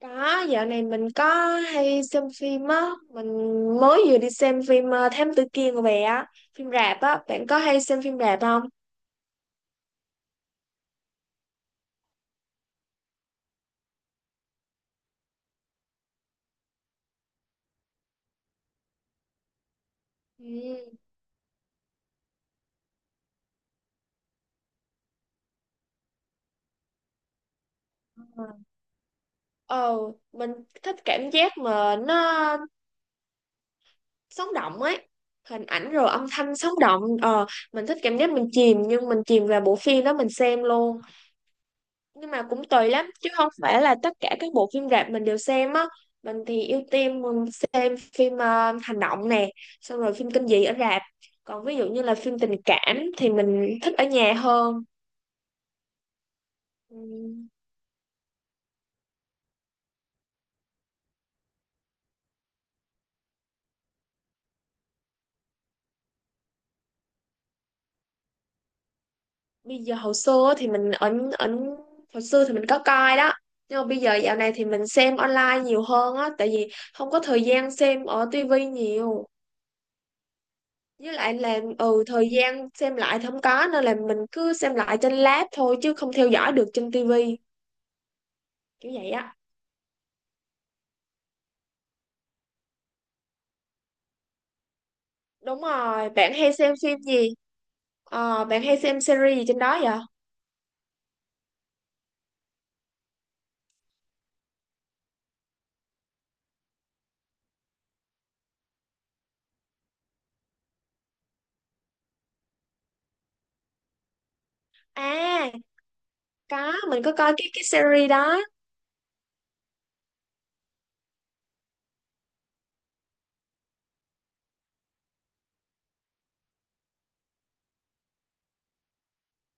Có, dạo này mình có hay xem phim á, mình mới vừa đi xem phim Thám Tử Kiên của bé á, phim rạp á, bạn có hay xem phim rạp không? Ừ. Ờ, mình thích cảm giác mà nó sống động ấy, hình ảnh rồi âm thanh sống động, mình thích cảm giác mình chìm, nhưng mình chìm vào bộ phim đó mình xem luôn. Nhưng mà cũng tùy lắm chứ không phải là tất cả các bộ phim rạp mình đều xem á. Mình thì ưu tiên mình xem phim hành động nè, xong rồi phim kinh dị ở rạp. Còn ví dụ như là phim tình cảm thì mình thích ở nhà hơn. Ừm, bây giờ hồi xưa thì mình ở ở hồi xưa thì mình có coi đó. Nhưng mà bây giờ dạo này thì mình xem online nhiều hơn á, tại vì không có thời gian xem ở tivi nhiều. Với lại là thời gian xem lại thì không có, nên là mình cứ xem lại trên lab thôi, chứ không theo dõi được trên tivi, kiểu vậy á. Đúng rồi, bạn hay xem phim gì? Bạn hay xem series gì trên đó vậy? À, có, mình có coi cái series đó.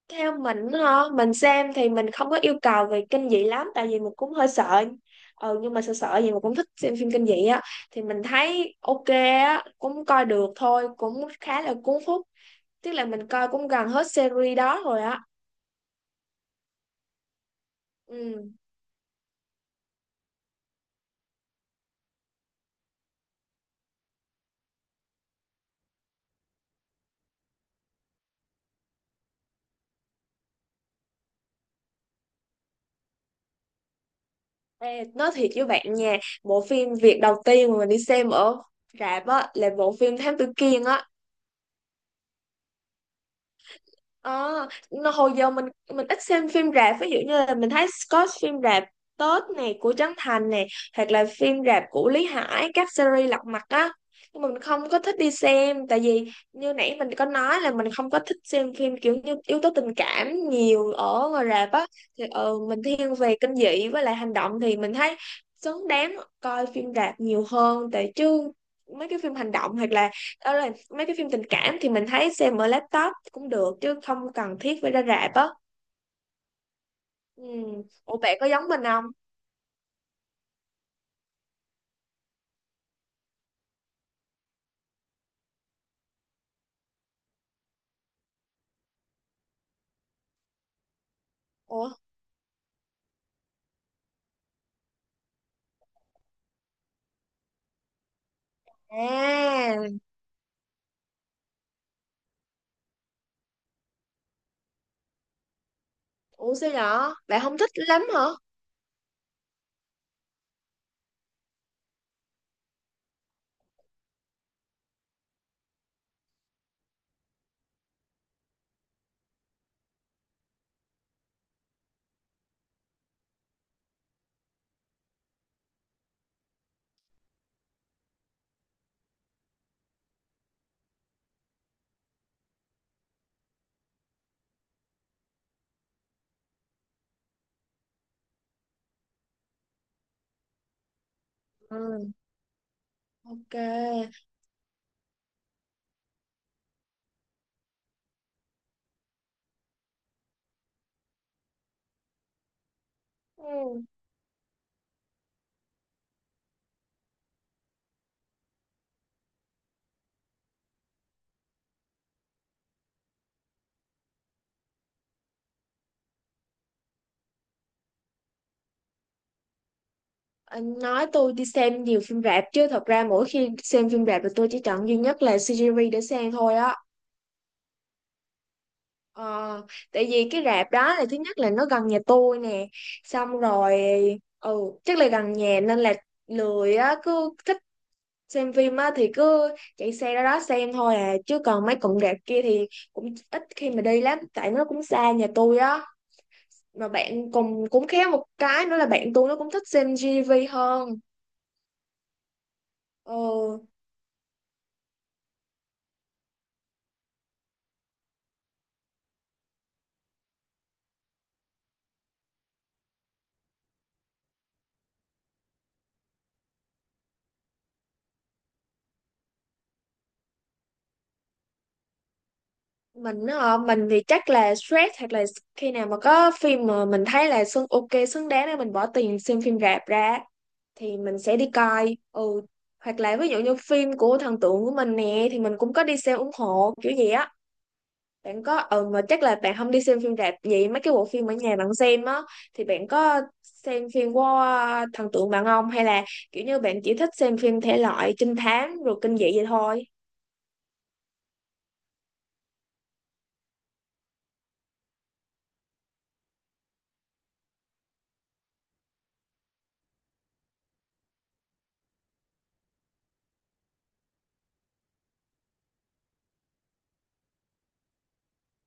Theo mình hả, mình xem thì mình không có yêu cầu về kinh dị lắm, tại vì mình cũng hơi sợ. Ừ, nhưng mà sợ sợ gì mà cũng thích xem phim kinh dị á. Thì mình thấy ok á, cũng coi được thôi, cũng khá là cuốn hút. Tức là mình coi cũng gần hết series đó rồi á. Ừ. Ê, nói thiệt với bạn nha, bộ phim việc đầu tiên mà mình đi xem ở rạp á là bộ phim Thám Tử Kiên á. Ờ, hồi giờ mình ít xem phim rạp, ví dụ như là mình thấy có phim rạp Tết này của Trấn Thành này, hoặc là phim rạp của Lý Hải các series lật mặt á, nhưng mà mình không có thích đi xem, tại vì như nãy mình có nói là mình không có thích xem phim kiểu như yếu tố tình cảm nhiều ở ngoài rạp á. Thì mình thiên về kinh dị với lại hành động thì mình thấy xứng đáng coi phim rạp nhiều hơn, tại chứ mấy cái phim hành động, hoặc là đó là mấy cái phim tình cảm thì mình thấy xem ở laptop cũng được chứ không cần thiết phải ra rạp á. Ừ. Ủa bạn có giống mình không? Ủa. À. Ủa sao nhỏ bạn không thích lắm hả? Ừ. Ok. Ừ. Anh nói tôi đi xem nhiều phim rạp chứ thật ra mỗi khi xem phim rạp thì tôi chỉ chọn duy nhất là series để xem thôi á. Ờ, tại vì cái rạp đó là thứ nhất là nó gần nhà tôi nè, xong rồi ừ chắc là gần nhà nên là lười á, cứ thích xem phim á thì cứ chạy xe ra đó xem thôi à, chứ còn mấy cụm rạp kia thì cũng ít khi mà đi lắm, tại nó cũng xa nhà tôi á. Mà bạn cùng cũng khéo một cái nữa là bạn tôi nó cũng thích xem GV hơn. Ừ. Mình á, mình thì chắc là stress, hoặc là khi nào mà có phim mà mình thấy là xứng ok xứng đáng để mình bỏ tiền xem phim rạp ra thì mình sẽ đi coi. Ừ Hoặc là ví dụ như phim của thần tượng của mình nè thì mình cũng có đi xem ủng hộ kiểu gì á. Bạn có mà chắc là bạn không đi xem phim rạp, vậy mấy cái bộ phim ở nhà bạn xem á, thì bạn có xem phim của thần tượng bạn không, hay là kiểu như bạn chỉ thích xem phim thể loại trinh thám rồi kinh dị vậy thôi?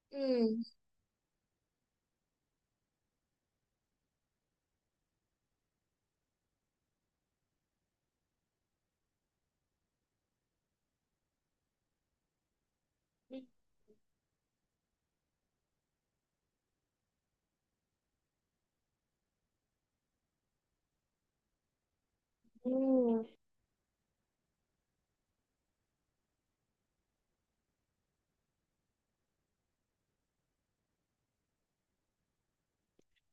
Ừ. Ừ. Ừ.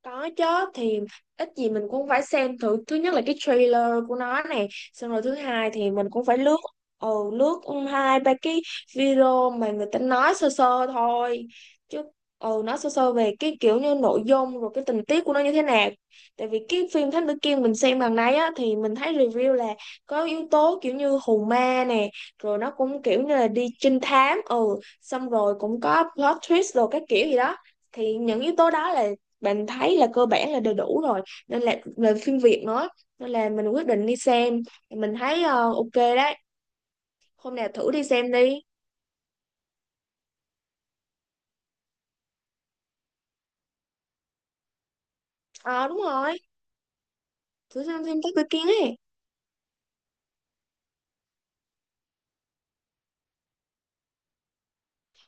Có chứ. Thì ít gì mình cũng phải xem thử, thứ nhất là cái trailer của nó này, xong rồi thứ hai thì mình cũng phải lướt, lướt hai ba cái video mà người ta nói sơ sơ thôi chứ, nói sơ sơ về cái kiểu như nội dung rồi cái tình tiết của nó như thế nào. Tại vì cái phim Thám Tử Kiên mình xem lần này á thì mình thấy review là có yếu tố kiểu như hù ma nè, rồi nó cũng kiểu như là đi trinh thám, xong rồi cũng có plot twist rồi các kiểu gì đó. Thì những yếu tố đó là mình thấy là cơ bản là đầy đủ rồi, nên là về phim Việt nữa, nên là mình quyết định đi xem. Mình thấy ok đấy, hôm nào thử đi xem đi. Ờ Đúng rồi, thử xem phim Tắc Tư Kiến ấy.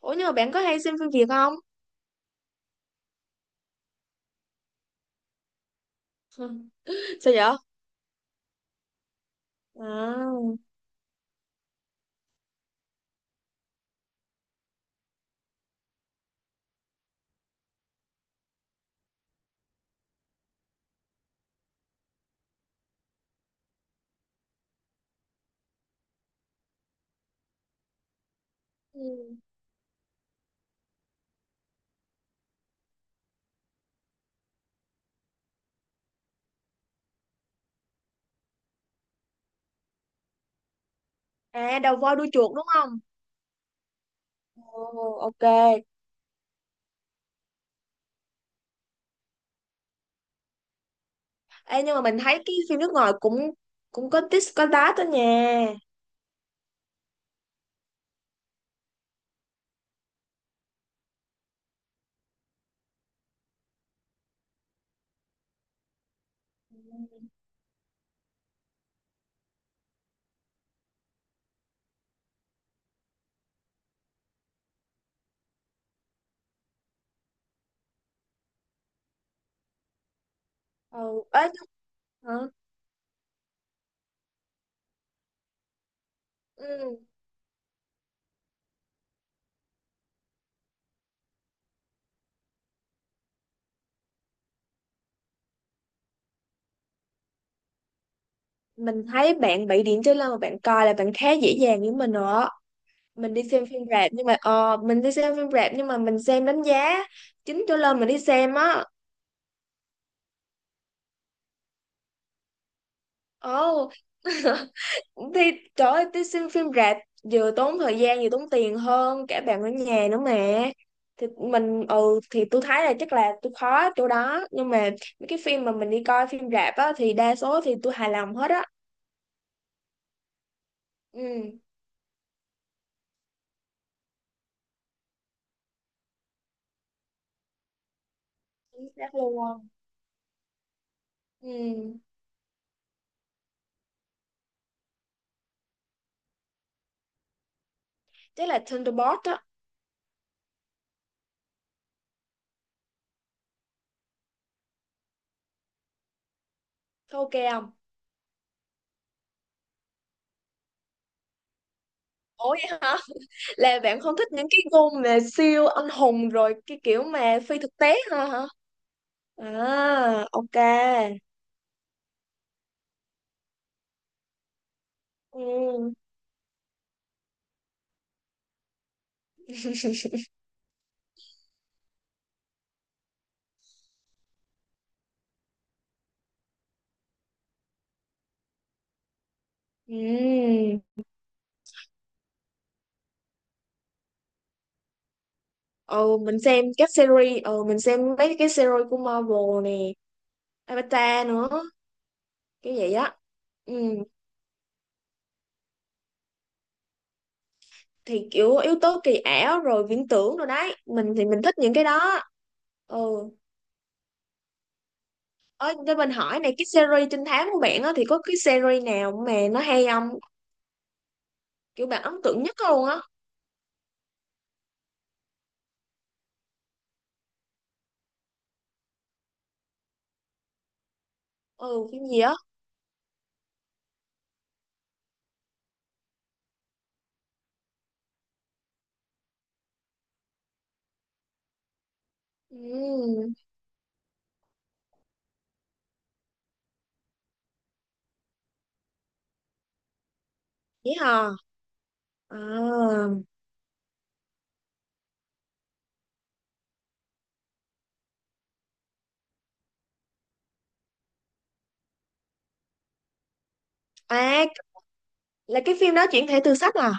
Ủa nhưng mà bạn có hay xem phim Việt không? Sao vậy? À, ừ. À, đầu voi đuôi chuột đúng không? Ồ, ok. Ê, nhưng mà mình thấy cái phim nước ngoài cũng cũng có tít có tát đó nha. Ừ. Ấy. Hả. Ừ. Mình thấy bạn bị điện cho lên mà bạn coi là bạn khá dễ dàng với mình rồi á. Mình đi xem phim rạp, nhưng mà mình xem đánh giá chín trở lên mình đi xem á. Ồ. Thì trời ơi, đi xem phim rạp vừa tốn thời gian vừa tốn tiền hơn cả bạn ở nhà nữa mà. Thì mình thì tôi thấy là chắc là tôi khó chỗ đó, nhưng mà mấy cái phim mà mình đi coi phim rạp á thì đa số thì tôi hài lòng hết á. Ừ. Chính xác luôn. Ừ. Chắc là Thunderbolt á. Thôi ok không. Ủa vậy hả? Là bạn không thích những cái gu mà siêu anh hùng rồi cái kiểu mà phi thực tế hả hả? À, ok. Ừ. Ừ. Ừ, mình xem các series, ừ mình xem mấy cái series của Marvel nè, Avatar nữa, cái vậy á. Ừ. Thì kiểu yếu tố kỳ ảo rồi viễn tưởng rồi đấy, mình thì mình thích những cái đó. Ừ. Ơi cho mình hỏi này, cái series trinh thám của bạn á thì có cái series nào mà nó hay không, kiểu bạn ấn tượng nhất luôn á? Ừ, phim gì á? Ừ, vậy hả? À, à, là cái phim đó chuyển thể từ sách à?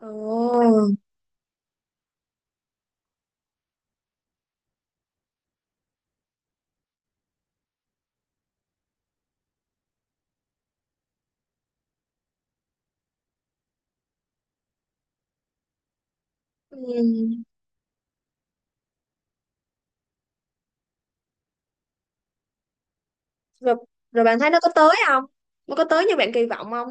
Ồ, ừ. Rồi, rồi bạn thấy nó có tới không? Nó có tới như bạn kỳ vọng không?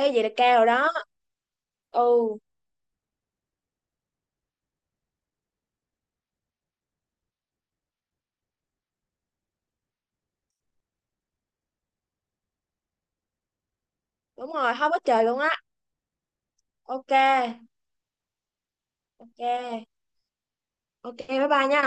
Ê, vậy là cao rồi đó. Ừ, đúng rồi, không có trời luôn á. Ok, ok, ok, bye bye nha.